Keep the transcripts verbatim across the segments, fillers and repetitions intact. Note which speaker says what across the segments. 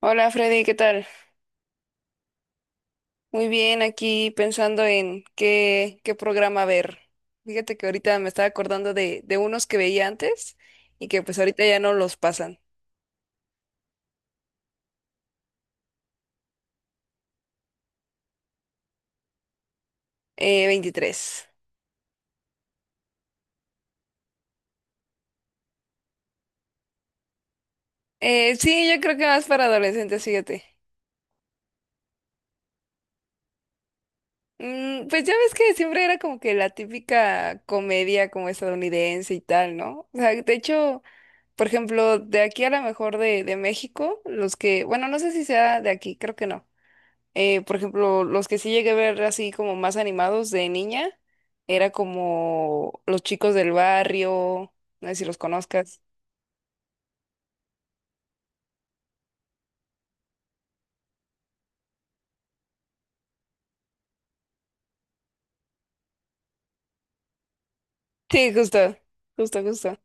Speaker 1: Hola Freddy, ¿qué tal? Muy bien, aquí pensando en qué, qué programa ver. Fíjate que ahorita me estaba acordando de, de unos que veía antes y que pues ahorita ya no los pasan. Eh, veintitrés. Eh, sí, yo creo que más para adolescentes, fíjate. Mm, pues ya ves que siempre era como que la típica comedia como estadounidense y tal, ¿no? O sea, de hecho, por ejemplo, de aquí a lo mejor de, de México, los que, bueno, no sé si sea de aquí, creo que no. Eh, por ejemplo, los que sí llegué a ver así como más animados de niña, era como Los Chicos del Barrio, no sé si los conozcas. Sí, justo, justo, justo.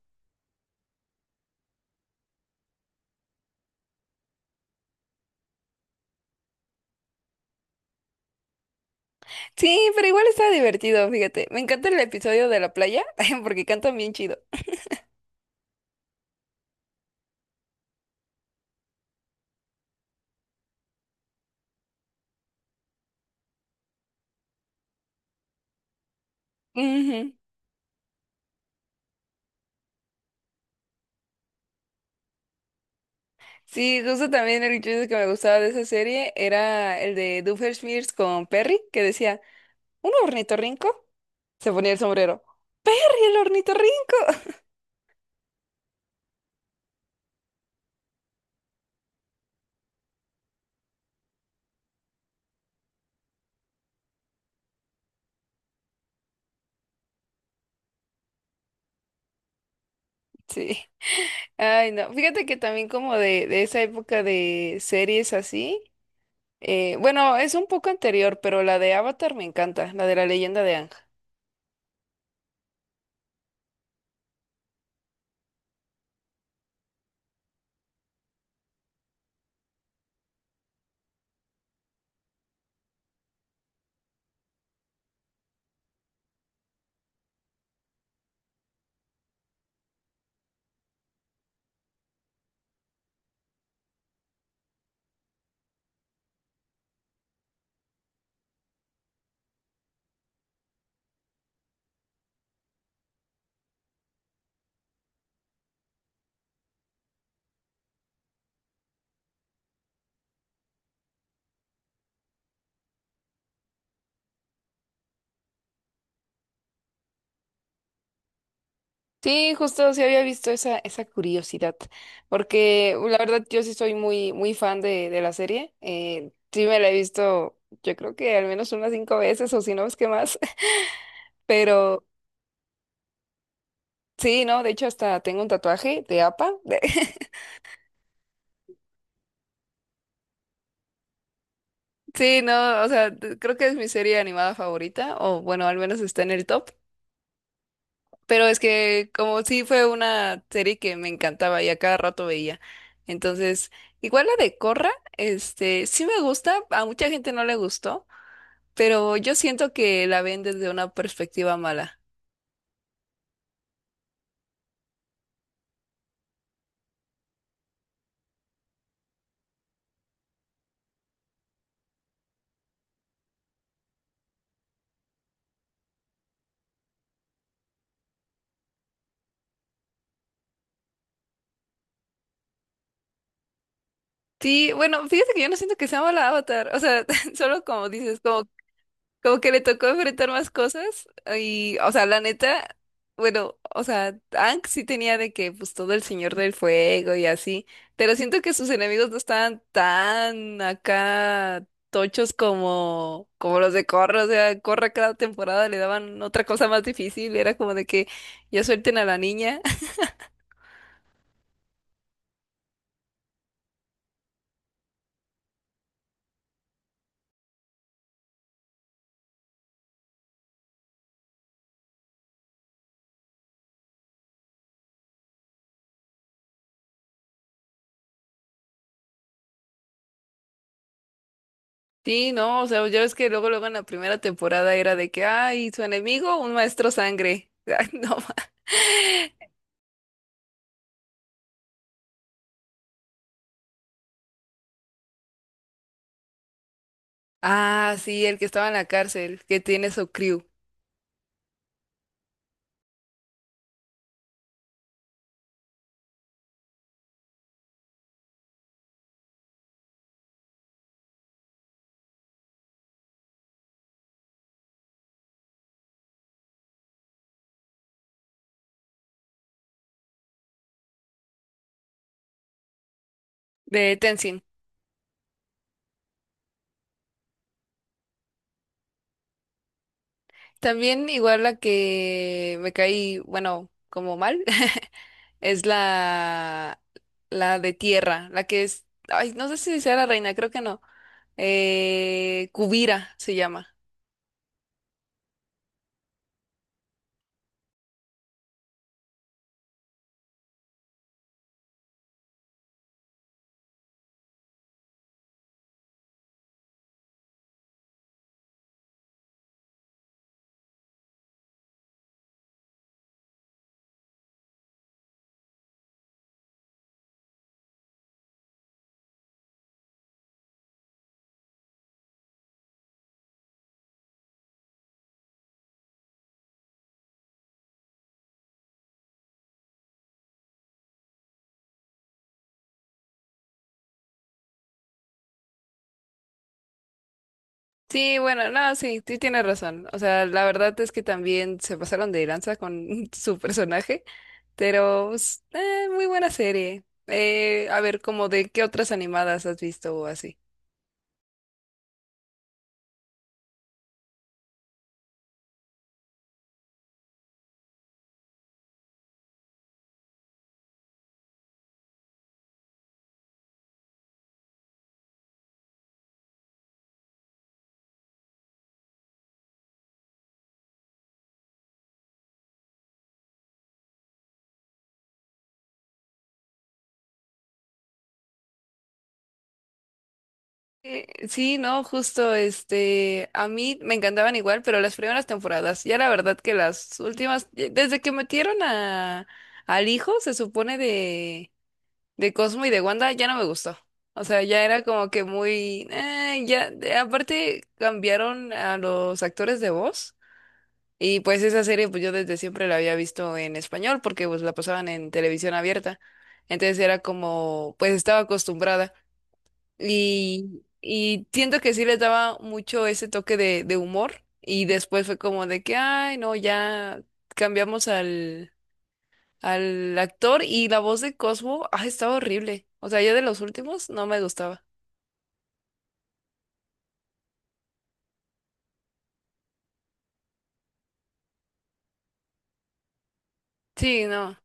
Speaker 1: Sí, pero igual estaba divertido, fíjate. Me encanta el episodio de la playa porque cantan bien chido. Ujú. Sí, justo también el chiste que me gustaba de esa serie era el de Doofenshmirtz con Perry, que decía, ¿un ornitorrinco? Se ponía el sombrero. ¡Perry, el ornitorrinco! Sí. Ay, no. Fíjate que también como de, de esa época de series así. Eh, bueno, es un poco anterior, pero la de Avatar me encanta, la de la leyenda de Aang. Sí, justo sí había visto esa, esa curiosidad, porque la verdad yo sí soy muy, muy fan de, de la serie. Eh, sí me la he visto, yo creo que al menos unas cinco veces o si no es que más, pero sí, no, de hecho hasta tengo un tatuaje de A P A. de- Sí, no, o sea, creo que es mi serie animada favorita, o bueno, al menos está en el top. Pero es que como sí fue una serie que me encantaba y a cada rato veía. Entonces, igual la de Corra, este, sí me gusta, a mucha gente no le gustó, pero yo siento que la ven desde una perspectiva mala. Sí, bueno, fíjate que yo no siento que sea mala Avatar, o sea, solo como dices, como Como que le tocó enfrentar más cosas y, o sea, la neta, bueno, o sea, Aang sí tenía de que, pues, todo el Señor del Fuego y así, pero siento que sus enemigos no estaban tan acá tochos como, como los de Korra, o sea, Korra cada temporada le daban otra cosa más difícil, era como de que ya suelten a la niña. Sí, no, o sea, ya ves que luego, luego en la primera temporada era de que, ay, su enemigo, un maestro sangre. Ay, no. Ah, sí, el que estaba en la cárcel, que tiene su crew de Tenzin. También igual la que me caí, bueno, como mal, es la, la de tierra, la que es, ay, no sé si sea la reina, creo que no. Eh, Kuvira se llama. Sí, bueno, no, sí, sí tienes razón. O sea, la verdad es que también se pasaron de lanza con su personaje, pero pues, eh, muy buena serie. Eh, a ver, como de qué otras animadas has visto o así. Eh, sí, no, justo, este, a mí me encantaban igual, pero las primeras temporadas, ya la verdad que las últimas, eh, desde que metieron a, al hijo, se supone de Cosmo y de Wanda ya no me gustó. O sea, ya era como que muy... eh, ya, de- aparte cambiaron a los actores de voz y pues esa serie pues yo desde siempre la había visto en español porque pues la pasaban en televisión abierta. Entonces era como, pues estaba acostumbrada y, y siento que sí les daba mucho ese toque de, de humor y después fue como de que, ay, no, ya cambiamos al al actor y la voz de Cosmo, ah, estaba horrible. O sea, yo de los últimos no me gustaba. Sí, no.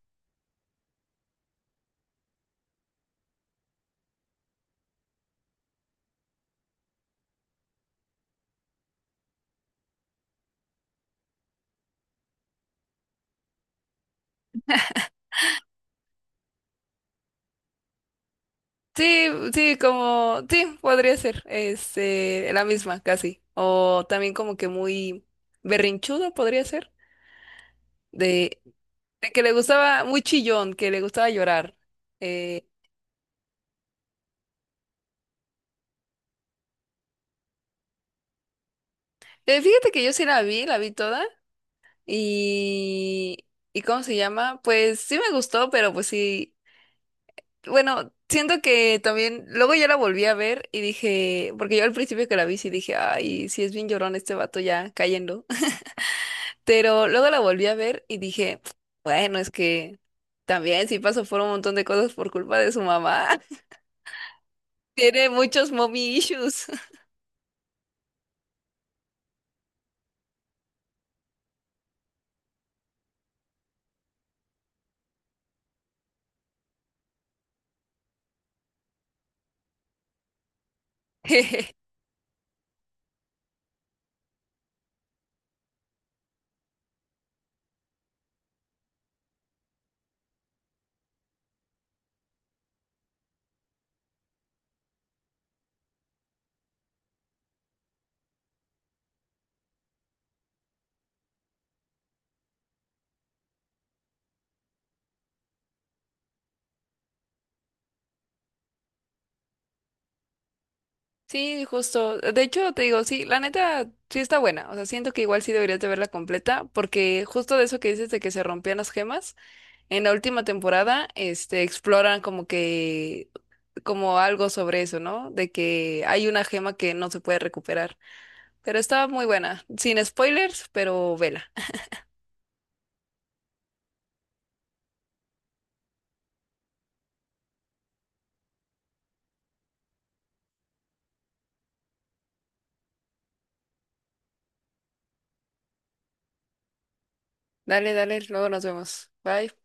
Speaker 1: Sí, sí, como, sí, podría ser, este, la misma, casi. O también como que muy berrinchudo podría ser, de, de que le gustaba, muy chillón, que le gustaba llorar. Eh, eh, fíjate que yo sí la vi, la vi toda, y, ¿y cómo se llama? Pues sí me gustó, pero pues sí. Bueno, siento que también, luego ya la volví a ver y dije, porque yo al principio que la vi sí dije, ay, sí es bien llorón este vato ya cayendo, pero luego la volví a ver y dije, bueno, es que también sí pasó por un montón de cosas por culpa de su mamá, tiene muchos mommy issues. Sí, justo, de hecho te digo, sí, la neta sí está buena, o sea, siento que igual sí deberías de verla completa, porque justo de eso que dices de que se rompían las gemas. En la última temporada, este, exploran como que como algo sobre eso, ¿no? De que hay una gema que no se puede recuperar. Pero está muy buena. Sin spoilers, pero vela. Dale, dale, luego nos vemos. Bye.